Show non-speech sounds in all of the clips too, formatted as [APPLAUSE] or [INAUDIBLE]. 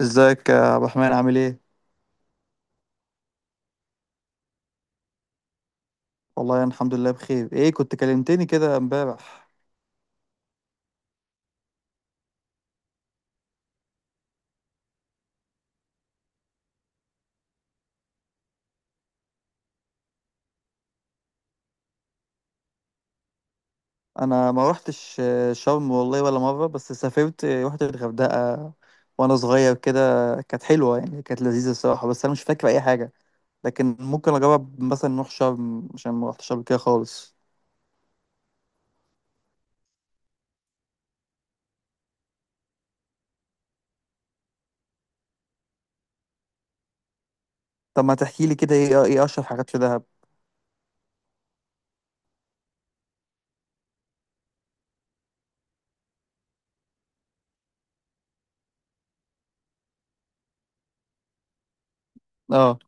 ازيك يا عبد الرحمن؟ عامل ايه؟ والله انا الحمد لله بخير. ايه كنت كلمتني كده امبارح. انا ما روحتش شرم والله ولا مرة، بس سافرت روحت الغردقة وانا صغير كده. كانت حلوة، يعني كانت لذيذة الصراحة، بس انا مش فاكر اي حاجة. لكن ممكن اجرب مثلا نروح شرم عشان ما روحتش قبل كده خالص. طب ما تحكي لي كده، ايه اشهر حاجات في دهب؟ اه.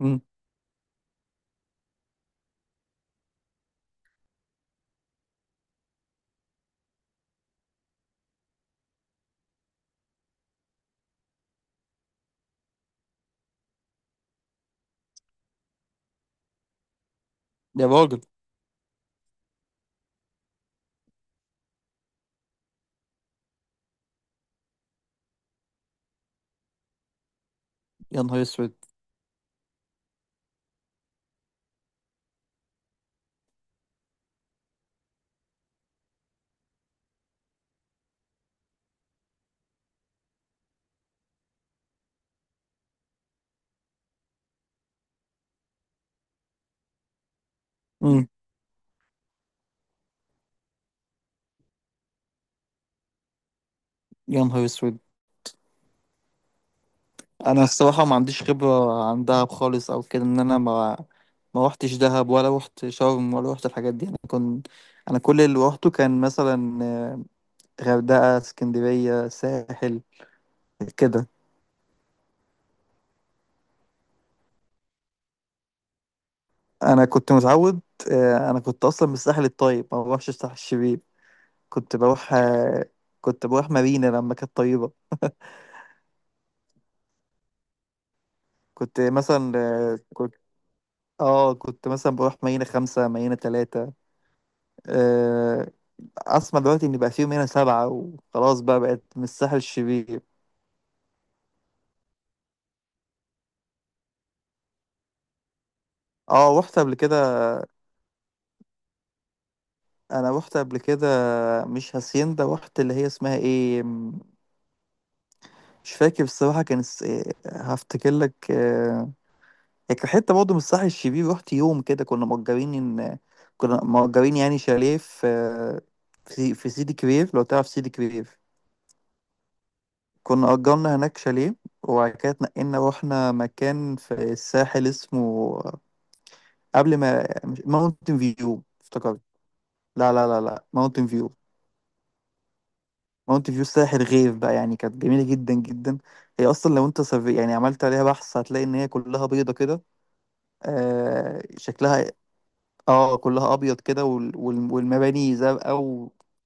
امم. يا راجل. يا نهار اسود. امم. يا نهار اسود. انا الصراحه ما عنديش خبره عن دهب خالص او كده، ان انا ما روحتش دهب ولا روحت شرم ولا روحت الحاجات دي. انا كنت، انا كل اللي روحته كان مثلا غردقه، اسكندريه، ساحل كده. انا كنت متعود انا كنت اصلا من الساحل الطيب، ما بروحش الساحل الشرير. كنت بروح آه، كنت بروح مارينا لما كانت طيبه. كنت مثلا آه، كنت اه كنت مثلا بروح مارينا 5، مارينا 3. آه، اسمع دلوقتي ان بقى فيه منها 7 وخلاص، بقى بقت من الساحل الشرير. اه رحت قبل كده. انا رحت قبل كده مش هاسيندا، رحت اللي هي اسمها ايه مش فاكر الصراحة، كان اس... إيه، هفتكر لك. هي كانت حتة برضه من الساحل الشرير، رحت يوم كده ان كنا مأجرين يعني شاليه في في سيدي كرير، لو تعرف سيدي كرير. كنا أجرنا هناك شاليه، وبعد كده اتنقلنا رحنا مكان في الساحل اسمه، قبل ما ماونتن فيو، افتكرت. لا لا لا لا، ماونتن فيو ساحر غير بقى، يعني كانت جميلة جدا جدا. هي أصلا لو أنت يعني عملت عليها بحث هتلاقي إن هي كلها بيضة كده. شكلها، اه، كلها أبيض كده والمباني زرقاء، وتحس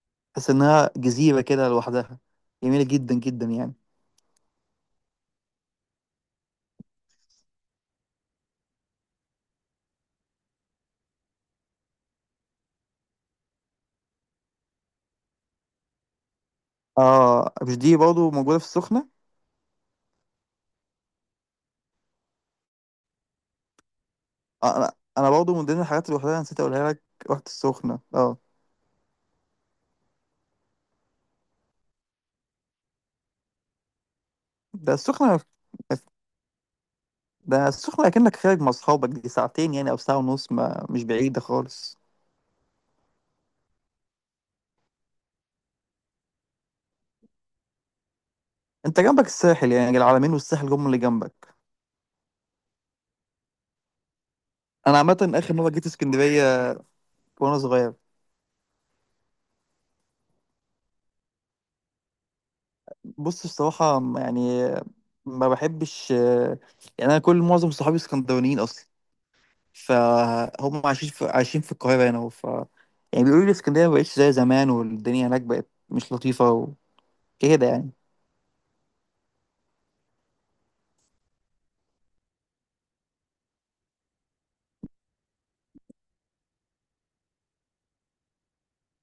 إنها جزيرة كده لوحدها، جميلة جدا جدا يعني. اه مش دي برضه موجودة في السخنة؟ آه أنا أنا برضه من ضمن الحاجات اللي لوحدها نسيت أقولها لك، رحت السخنة اه. ده السخنة ده السخنة أكنك خارج مع أصحابك، دي ساعتين يعني أو ساعة ونص، ما مش بعيدة خالص. انت جنبك الساحل، يعني العلمين والساحل هم اللي جنبك. انا عامه اخر مره جيت اسكندريه وانا صغير. بص بصراحه، يعني ما بحبش. يعني انا معظم صحابي اسكندرانيين اصلا، فهم عايشين في القاهره هنا. ف يعني بيقولوا لي اسكندريه ما بقتش زي زمان، والدنيا هناك بقت مش لطيفه وكده يعني.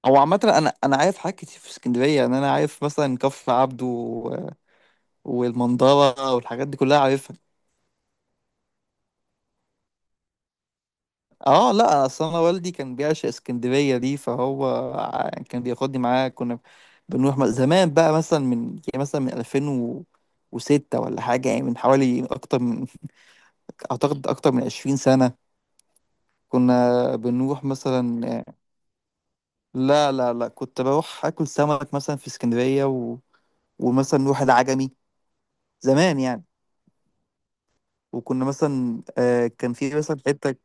هو عامة أنا عارف حاجات كتير في اسكندرية، يعني أنا عارف مثلا كفر عبده والمنظرة والحاجات دي كلها عارفها. اه لا، اصل انا والدي كان بيعشق اسكندريه دي، فهو كان بياخدني معاه. كنا بنروح زمان بقى، مثلا من 2006 ولا حاجه، يعني من حوالي اكتر من 20 سنه. كنا بنروح مثلا، لا لا لا، كنت بروح اكل سمك مثلا في اسكندريه ومثلا نروح العجمي، زمان يعني. وكنا مثلا كان في مثلا حته،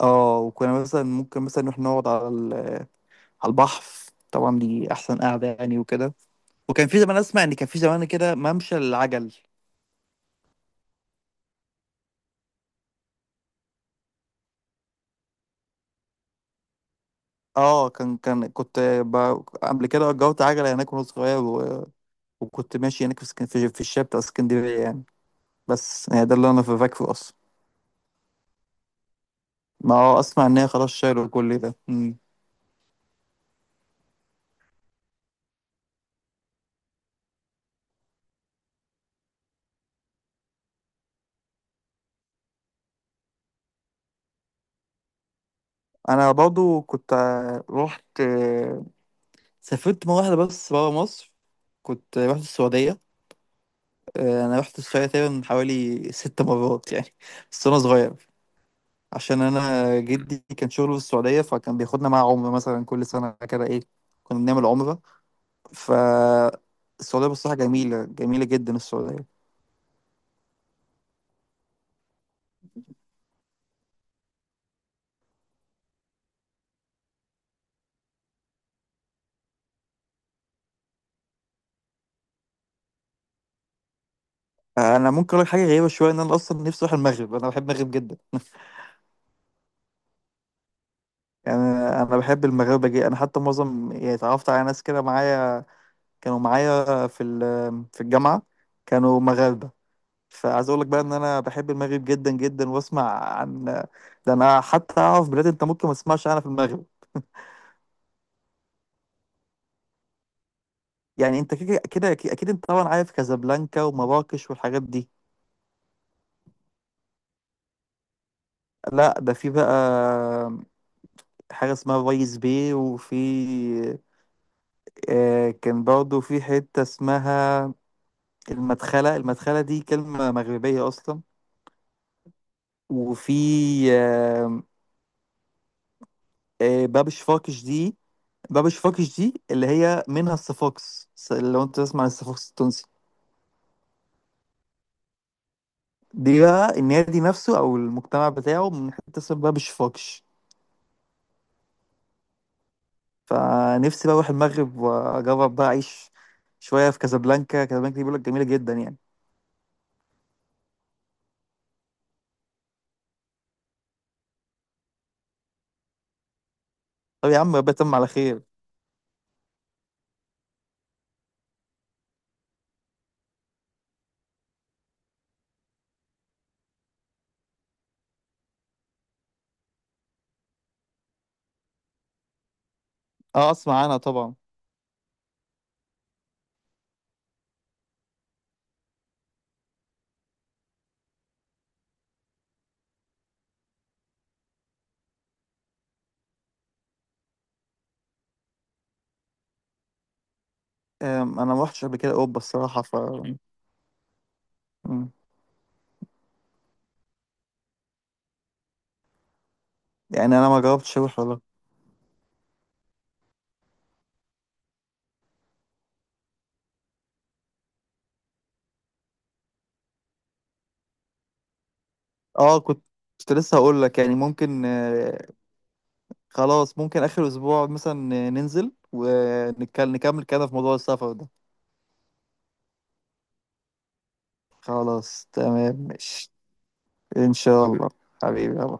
اه وكنا مثلا ممكن مثلا نروح نقعد على البحر، طبعا دي احسن قعده يعني وكده. وكان في زمان، اسمع ان كان في زمان كده ممشى العجل. اه كان قبل كده اجرت عجله هناك وانا صغير، وكنت ماشي هناك في في الشارع بتاع اسكندريه يعني. بس يعني ده اللي انا فاكره اصلا. ما هو اسمع ان هي خلاص شالوا كل ده. انا برضو كنت، آه، رحت آه، سافرت مره واحده بس برا مصر، كنت رحت السعوديه. انا رحت السعوديه تقريبا حوالي 6 مرات يعني، بس وانا صغير. عشان انا جدي كان شغله في السعوديه، فكان بياخدنا معاه عمره مثلا كل سنه كده ايه، كنا بنعمل عمره. ف السعوديه بصراحه جميله، جميله جدا السعوديه. انا ممكن اقول لك حاجه غريبه شويه، ان انا اصلا نفسي اروح المغرب، انا بحب المغرب جدا [LAUGHS] يعني انا بحب المغاربه جدا، انا حتى معظم يعني اتعرفت على ناس كده معايا، كانوا معايا في في الجامعه، كانوا مغاربه. فعايز اقول لك بقى ان انا بحب المغرب جدا جدا، واسمع عن، ده انا حتى اعرف بلاد انت ممكن ما تسمعش عنها في المغرب. يعني انت كده كده اكيد، أكيد انت طبعا عارف كازابلانكا ومراكش والحاجات دي، لا ده في بقى حاجة اسمها فايس باي، وفي كان برضه في حتة اسمها المدخلة، المدخلة دي كلمة مغربية أصلا. وفي آه باب شفاكش، دي باب شفاكش دي اللي هي منها الصفاقس، لو انت تسمع عن الصفاقس التونسي، دي بقى النادي نفسه أو المجتمع بتاعه من حتة اسمها باب شفاكش. فنفسي بقى اروح المغرب، واجرب بقى اعيش شويه في كازابلانكا، كازابلانكا دي بيقول لك جميله جدا يعني. طب يا عم ربنا يتم على خير. اه اسمع عنها طبعا. انا ما رحتش قبل كده اوروبا الصراحه. ف أم، يعني انا ما جربتش اروح والله. اه كنت لسه هقول لك، يعني ممكن، خلاص ممكن اخر اسبوع مثلا، ننزل ونكمل كلامنا في موضوع السفر ده. خلاص تمام ماشي، ان شاء الله حبيبي.